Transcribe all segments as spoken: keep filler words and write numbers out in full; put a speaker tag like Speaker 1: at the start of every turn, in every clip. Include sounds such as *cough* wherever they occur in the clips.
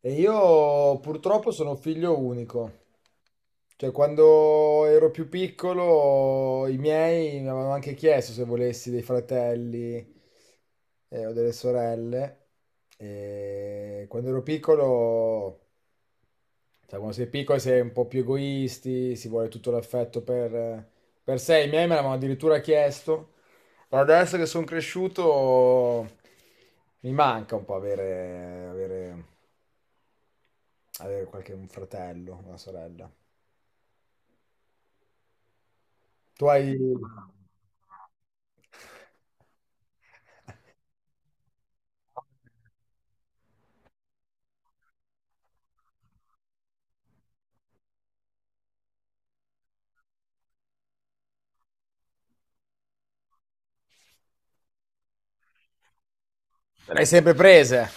Speaker 1: E io purtroppo sono figlio unico, cioè quando ero più piccolo i miei mi avevano anche chiesto se volessi dei fratelli eh, o delle sorelle. E quando ero piccolo, sai, quando sei piccolo sei un po' più egoisti, si vuole tutto l'affetto per, per sé. I miei me l'avevano addirittura chiesto, ma adesso che sono cresciuto mi manca un po' avere avere avere qualche un fratello, una sorella. Tu hai, le hai sempre prese?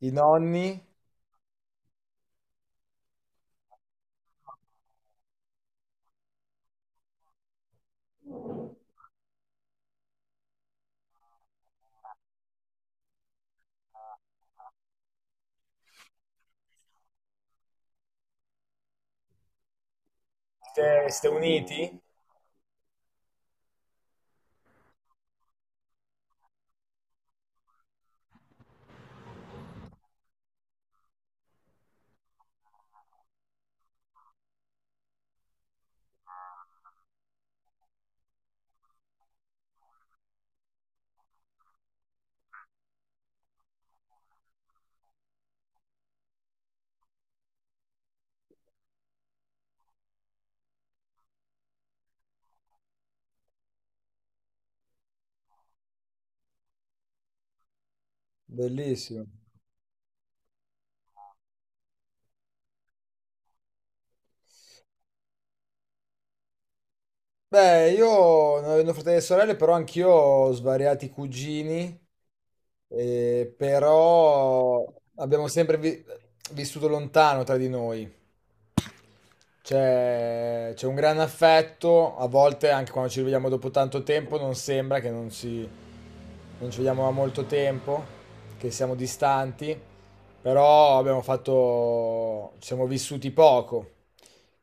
Speaker 1: I nonni? Siete, siete uniti? Bellissimo. Beh, io non avendo fratelli e sorelle, però anch'io ho svariati cugini, eh, però abbiamo sempre vi- vissuto lontano tra di noi. C'è, c'è un gran affetto, a volte anche quando ci rivediamo dopo tanto tempo non sembra che non, si, non ci vediamo da molto tempo, che siamo distanti, però abbiamo fatto, ci siamo vissuti poco,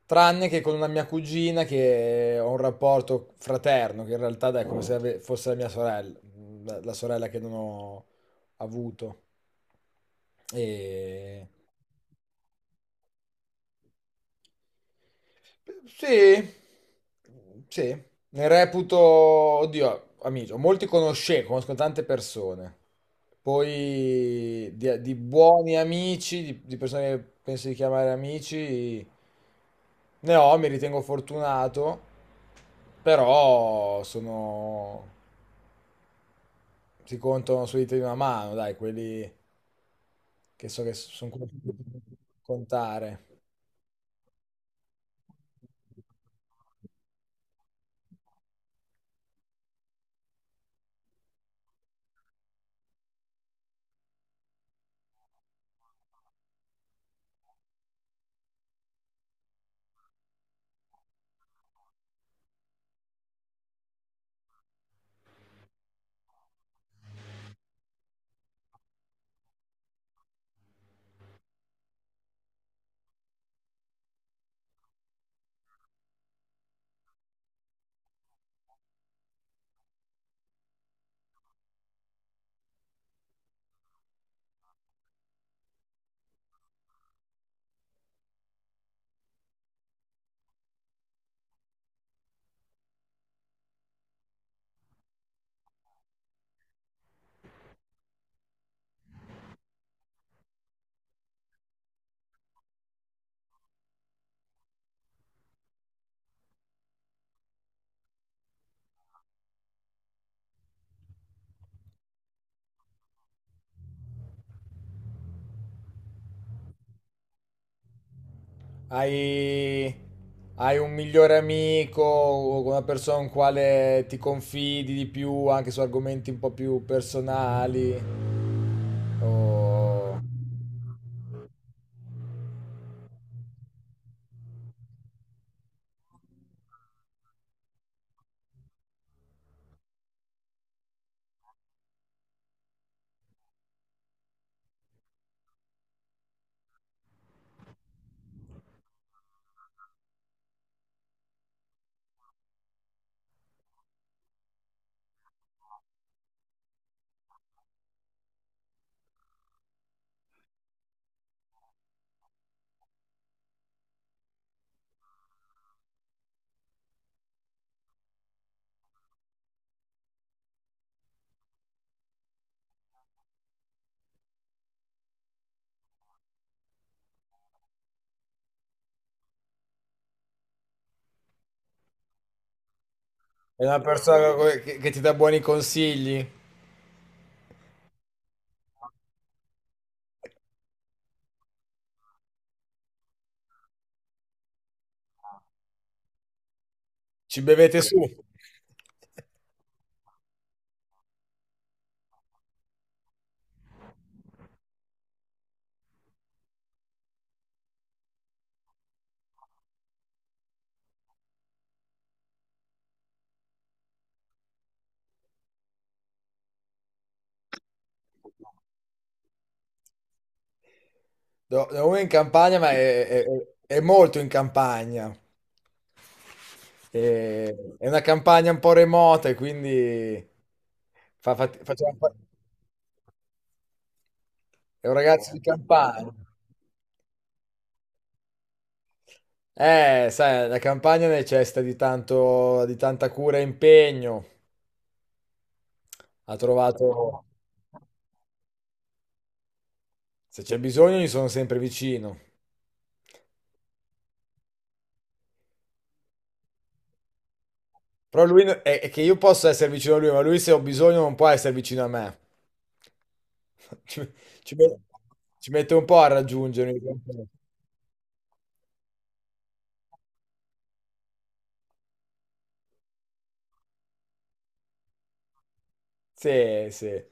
Speaker 1: tranne che con una mia cugina che ho un rapporto fraterno, che in realtà è come se ave- fosse la mia sorella, la la sorella che non ho avuto. E... Sì, sì, ne reputo, oddio, amico, molti conosce, conosco tante persone, poi di, di buoni amici, di, di persone che penso di chiamare amici, ne ho, mi ritengo fortunato, però sono, si contano sulle dita di una mano, dai, quelli che so che sono quelli che contare. Hai, hai un migliore amico, una persona con quale ti confidi di più anche su argomenti un po' più personali, o è una persona co- che, che ti dà buoni consigli. Ci bevete su. Do- do- Uno è in campagna, ma è, è- è- è molto in campagna. È, è una campagna un po' remota, e quindi fa- fa- facciamo fa- è un ragazzo di campagna. Eh, sai, la campagna necessita di tanto, di tanta cura e impegno. Ha trovato... Se c'è bisogno, gli sono sempre vicino. Però lui no, è, è che io posso essere vicino a lui, ma lui se ho bisogno non può essere vicino a me. *laughs* Ci, ci met- ci mette un po' a raggiungere. Sì, sì.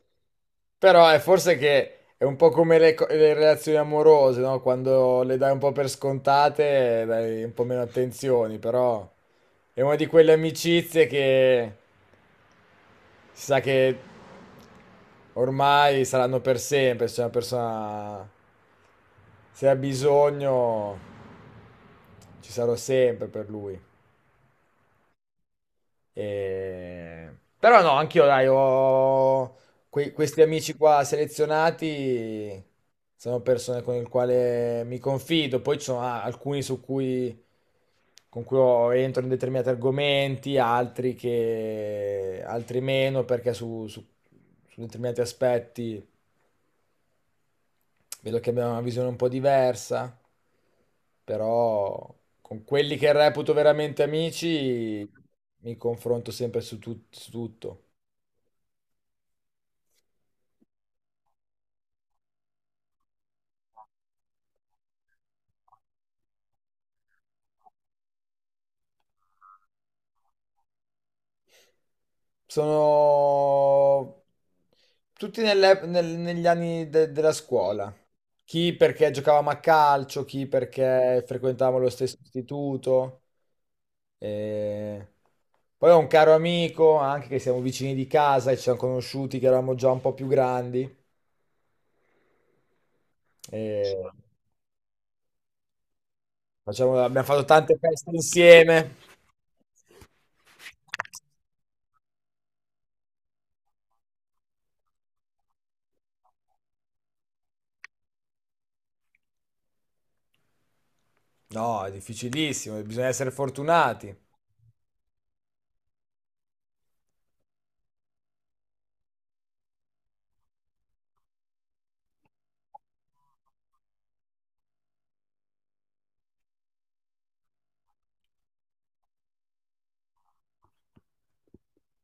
Speaker 1: Però è forse che è un po' come le, co- le relazioni amorose, no? Quando le dai un po' per scontate, dai un po' meno attenzioni, però è una di quelle amicizie che si sa che ormai saranno per sempre, se una persona se ha bisogno ci sarò sempre per lui. E... Però no, anch'io, dai, ho que- questi amici qua selezionati, sono persone con le quali mi confido, poi ci sono ah, alcuni su cui, con cui ho- entro in determinati argomenti, altri che, altri meno, perché su, su- su determinati aspetti vedo che abbiamo una visione un po' diversa, però con quelli che reputo veramente amici mi confronto sempre su tut- su tutto. Sono tutti nelle- nel- negli anni de- della scuola. Chi perché giocavamo a calcio, chi perché frequentavamo lo stesso istituto. E poi ho un caro amico, anche che siamo vicini di casa e ci siamo conosciuti che eravamo già un po' più grandi. E facciamo- abbiamo fatto tante feste insieme. No, è difficilissimo, bisogna essere fortunati.